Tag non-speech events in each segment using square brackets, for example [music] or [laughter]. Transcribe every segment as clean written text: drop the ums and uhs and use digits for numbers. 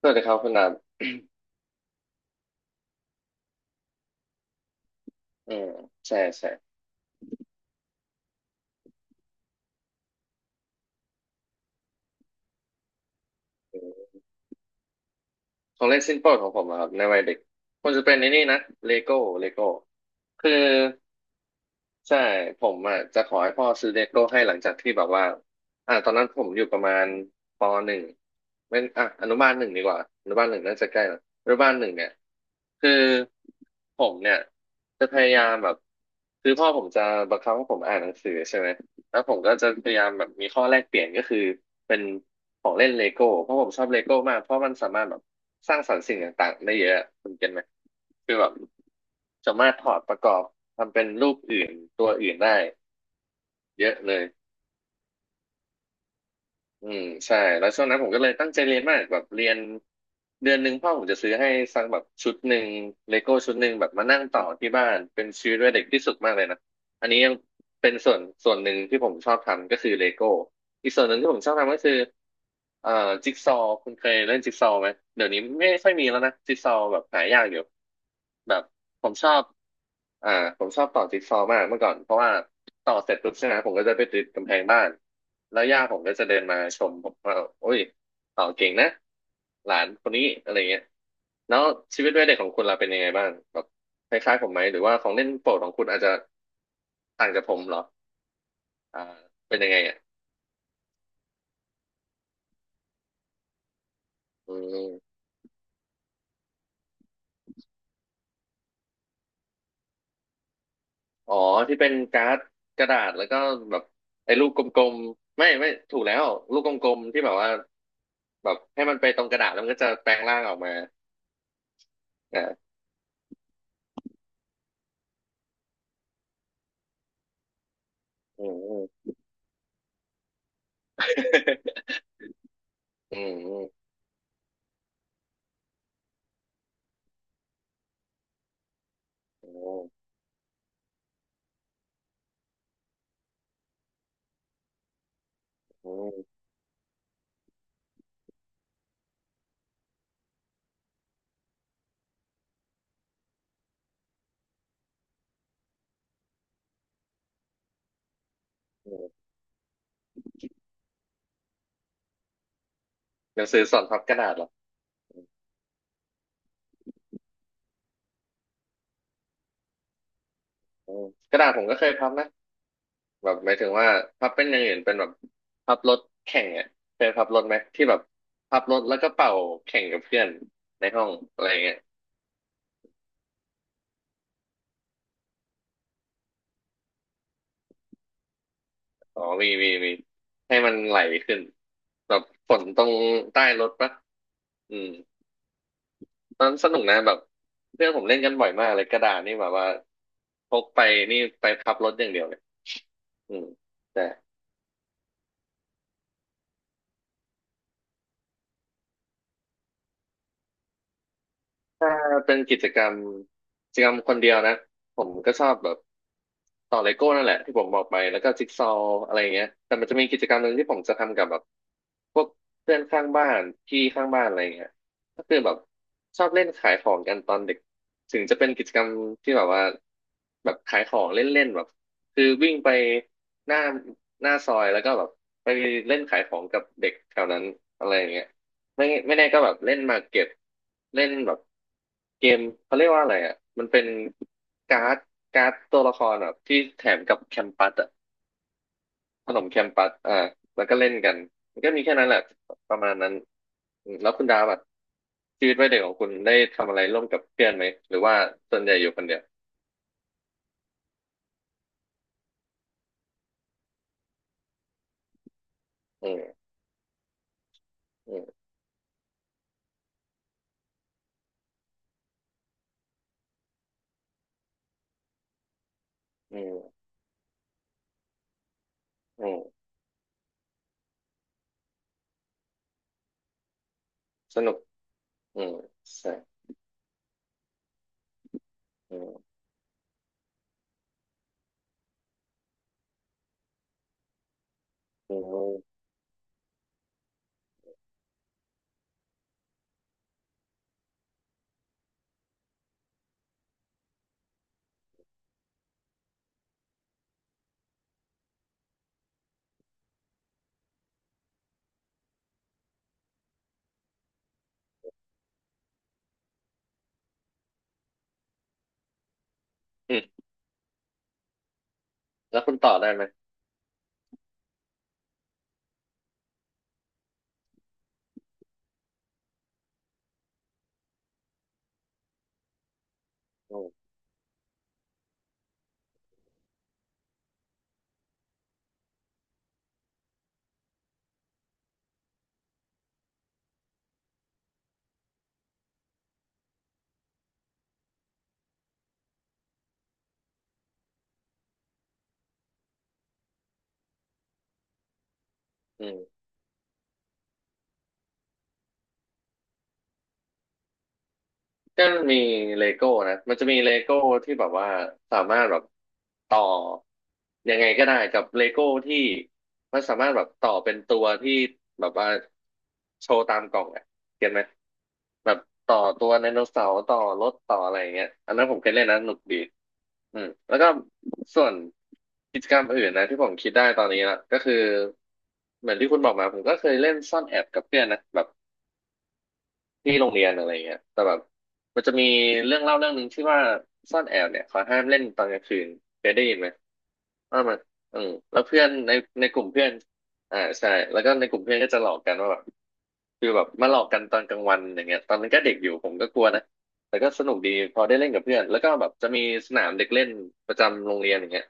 สวัสดีครับคุณดาบ [coughs] อืมใช่ใช่ของเล่นชิ้นโปรดของผมอะครับในวัยเด็กควรจะเป็นในนี่นะเลโก้เลโก้คือ ใช่ผมอ่ะจะขอให้พ่อซื้อเลโก้ให้หลังจากที่แบบว่าตอนนั้นผมอยู่ประมาณปหนึ่งเป็นอนุบาลหนึ่งดีกว่าอนุบาลหนึ่งน่าจะใกล้ละอนุบาลหนึ่งเนี่ยคือผมเนี่ยจะพยายามแบบคือพ่อผมจะบังคับให้ผมอ่านหนังสือใช่ไหมแล้วผมก็จะพยายามแบบมีข้อแลกเปลี่ยนก็คือเป็นของเล่นเลโก้เพราะผมชอบเลโก้มากเพราะมันสามารถแบบ สร้างสรรค์สิ่งต่างๆได้เยอะคุณเก็ตไหมคือแบบสามารถถอดประกอบทำเป็นรูปอื่นตัวอื่นได้เยอะเลยอืมใช่แล้วช่วงนั้นผมก็เลยตั้งใจเรียนมากแบบเรียนเดือนหนึ่งพ่อผมจะซื้อให้สักแบบชุดหนึ่งเลโก้ชุดหนึ่งแบบมานั่งต่อที่บ้านเป็นชีวิตวัยเด็กที่สุดมากเลยนะอันนี้ยังเป็นส่วนหนึ่งที่ผมชอบทำก็คือเลโก้ อีกส่วนหนึ่งที่ผมชอบทำก็คือเอ่อจิ๊กซอว์คุณเคยเล่นจิ๊กซอว์ไหมเดี๋ยวนี้ไม่ค่อยมีแล้วนะจิ๊กซอว์แบบหายากอยู่แบบผมชอบอ่าผมชอบต่อจิ๊กซอว์มากเมื่อก่อนเพราะว่าต่อเสร็จปุ๊บใช่ไหมผมก็จะไปติดกำแพงบ้านแล้วย่าผมก็จะเดินมาชมผมว่าโอ้ยต่อเก่งนะหลานคนนี้อะไรเงี้ยแล้วชีวิตวัยเด็กของคุณล่ะเป็นยังไงบ้างแบบคล้ายๆผมไหมหรือว่าของเล่นโปรดของคุณอาจจะต่างจากผมเหรออ่าเป็นยังไงอ่ะอืม อ๋อที่เป็นการ์ดกระดาษแล้วก็แบบไอ้ลูกกลมๆไม่ถูกแล้วลูกกลมๆที่แบบว่าแบบให้มันไปตรงกระดาษแล้วมันก็จะแปลงร่างออกมาอ่าอืมอืม [laughs] อืมอืมอืมอืมหนังสือสอนพับกระดาษเหรออืมกระดาษผมก็เคยพับนะแบบหมายถึงว่าพับเป็นอย่างอื่นเป็นแบบพับรถแข่งอ่ะเคยพับรถไหมที่แบบพับรถแล้วก็เป่าแข่งกับเพื่อนในห้องอะไรเงี้ย อ๋อมี มี มี ให้มันไหลขึ้น แบบฝนตรงใต้รถปะ อืมตอนสนุกนะแบบเพื่อนผมเล่นกันบ่อยมากเลยกระดาษนี่แบบว่าพกไปนี่ไปพับรถอย่างเดียวเลยอืมใช่ ถ้าเป็นกิจกรรมกิจกรรมคนเดียวนะผมก็ชอบแบบต่อเลโก้นั่นแหละที่ผมบอกไปแล้วก็จิ๊กซอว์อะไรอย่างเงี้ยแต่มันจะมีกิจกรรมหนึ่งที่ผมจะทำกับแบบพวกเพื่อนข้างบ้านพี่ข้างบ้านอะไรอย่างเงี้ยก็คือแบบชอบเล่นขายของกันตอนเด็กถึงจะเป็นกิจกรรมที่แบบว่าแบบขายของเล่นๆแบบคือวิ่งไปหน้าหน้าซอยแล้วก็แบบไปเล่นขายของกับเด็กแถวนั้นอะไรอย่างเงี้ย ไม่ไม่แน่ก็แบบเล่นมาเก็บเล่นแบบเกมเขาเรียกว่าอะไรอ่ะมันเป็นการ์ดตัวละครแบบที่แถมกับแคมปัสอ่ะขนมแคมปัสอ่าแล้วก็เล่นกันมันก็มีแค่นั้นแหละประมาณนั้นอืมแล้วคุณดาวแบบชีวิตวัยเด็กของคุณได้ทำอะไรร่วมกับเพื่อนไหมหรือว่าส่วนใหญ่อยู่คนเดียวอืมอืมอืมอืมสนุกอืมใช่อืมอืมอืมแล้วคุณต่อได้ไหมอืม ก็มีเลโก้นะมันจะมีเลโก้ที่แบบว่าสามารถแบบต่อยังไงก็ได้กับเลโก้ที่มันสามารถแบบต่อเป็นตัวที่แบบว่าโชว์ตามกล่องอ่ะเก็ตไหมแบบต่อตัวไดโนเสาร์ต่อรถต่ออะไรอย่างเงี้ยอันนั้นผมเคยเล่นนะสนุกดีอืมแล้วก็ส่วนกิจกรรมอื่นนะที่ผมคิดได้ตอนนี้ละก็คือเหมือนที่คุณบอกมาผมก็เคยเล่นซ่อนแอบกับเพื่อนนะแบบ ที่โรงเรียนอะไรเงี้ยแต่แบบมันจะมีเรื่องเล่าเรื่องหนึ่งที่ว่าซ่อนแอบเนี่ยเขาห้ามเล่นตอนกลางคืนเคยได้ยินไหมว่ามันอืมแล้วเพื่อนในในกลุ่มเพื่อนอ่าใช่แล้วก็ในกลุ่มเพื่อนก็จะหลอกกันว่าแบบคือแบบมาหลอกกันตอนกลางวันอย่างเงี้ยตอนนั้นก็เด็กอยู่ผมก็กลัวนะแต่ก็สนุกดีพอได้เล่นกับเพื่อนแล้วก็แบบจะมีสนามเด็กเล่นประจำโรงเรียนอย่างเงี้ย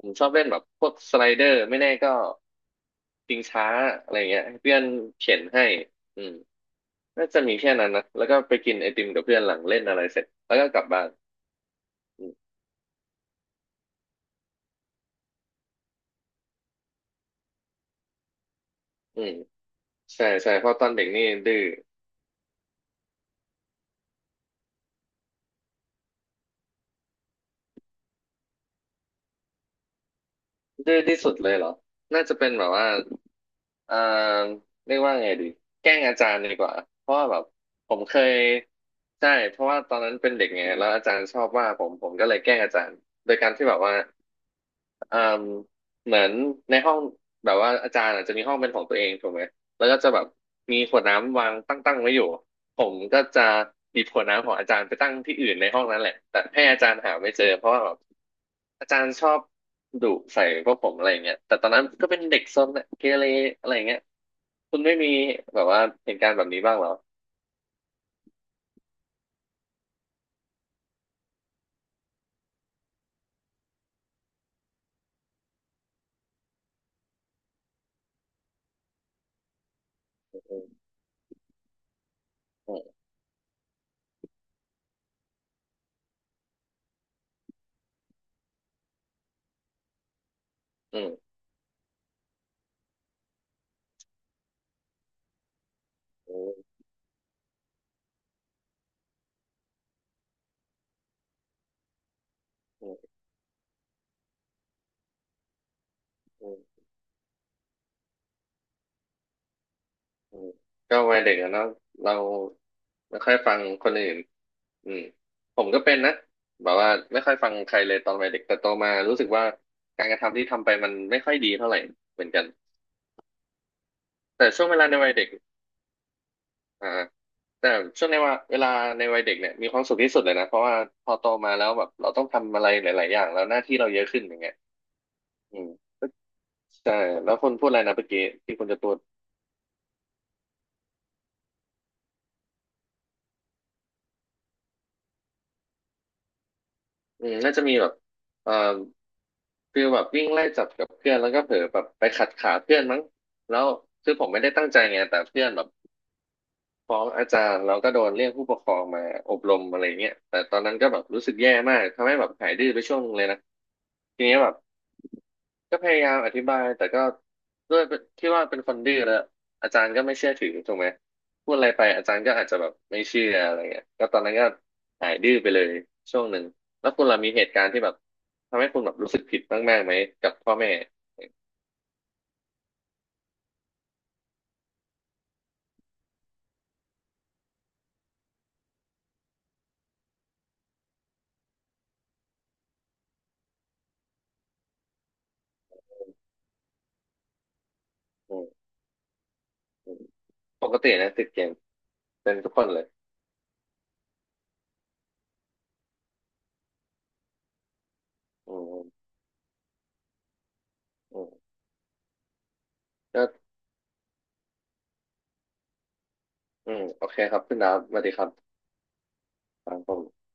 ผมชอบเล่นแบบพวกสไลเดอร์ไม่แน่ก็ชิงช้าอะไรเงี้ยให้เพื่อนเข็นให้อืม น่าจะมีแค่นั้นนะแล้วก็ไปกินไอติมกับเพื่อนหลังเล่นอะไรเสร็จแล้วก็กลับบ้านอืมอืมใช่ใช่เพราะตอนเด็กนี่ดื้อดื้อที่สุดเลยเหรอ น่าจะเป็นแบบว่าเอ่อเรียกว่าไงดีแกล้งอาจารย์ดีกว่าเพราะว่าแบบผมเคยใช่เพราะว่าตอนนั้นเป็นเด็กไงแล้วอาจารย์ชอบว่าผมก็เลยแกล้งอาจารย์โดยการที่แบบว่า เอ่มเหมือนในห้องแบบว่าอาจารย์อาจจะมีห้องเป็นของตัวเองถูกไหมแล้วก็จะแบบมีขวดน้ำวางตั้งๆไว้อยู่ผมก็จะหยิบขวดน้ำของอาจารย์ไปตั้งที่อื่นในห้องนั้นแหละแต่ให้อาจารย์หาไม่เจอเพราะว่าแบบอาจารย์ชอบดุใส่พวกผมอะไรอย่างเงี้ยแต่ตอนนั้นก็เป็นเด็กซนอะเกเรอะไรอย่างเงี้ยคุณไม่มีแบบว่าเหตุการณ์แบบนี้บ้างเหรออืมอืมอืมอืมอืม อืมก็วัยเด็กอะเนาะเราไม่ค่อยฟังคนอื่นอืมผมก็เป็นนะแบบว่าไม่ค่อยฟังใครเลยตอนวัยเด็กแต่โตมารู้สึกว่าการกระทำที่ทำไปมันไม่ค่อยดีเท่าไหร่เหมือนกันแต่ช่วงเวลาในวัยเด็กอ่าแต่ช่วงในว่าเวลาในวัยเด็กเนี่ยมีความสุขที่สุดเลยนะเพราะว่าพอโตมาแล้วแบบเราต้องทำอะไรหลายๆอย่างแล้วหน้าที่เราเยอะขึ้นอย่างเงี้ยอืมใช่แล้วคนพูดอะไรนะเมื่อกี้ที่คุณจะพูด อืมน่าจะมีแบบเอ่อคือแบบวิ่งไล่จับกับเพื่อนแล้วก็เผลอแบบไปขัดขาเพื่อนมั้ง แล้วคือผมไม่ได้ตั้งใจไงแต่เพื่อนแบบฟ้องอาจารย์แล้วก็โดนเรียกผู้ปกครองมาอบรมอะไรเงี้ยแต่ตอนนั้นก็แบบรู้สึกแย่มากทำให้แบบหายดื้อไปช่วงนึงเลยนะทีนี้แบบ ก็พยายามอธิบายแต่ก็ด้วยที่ว่าเป็นคนดื้อแล้วอาจารย์ก็ไม่เชื่อถือถูกไหมพูดอะไรไปอาจารย์ก็อาจจะแบบไม่เชื่ออะไรเงี้ยก็ตอนนั้นก็หายดื้อไปเลยช่วงหนึ่งแล้วคุณล่ะมีเหตุการณ์ที่แบบทำให้คุณแบบรู้สึกผิดมากๆไหมกับพ่อแม่อืมอืมปกตินะติดเกมเป็นทุกคนเลยอืมอืมก็อืมโอเคครับคุณดาวสวัสดีครับครับผม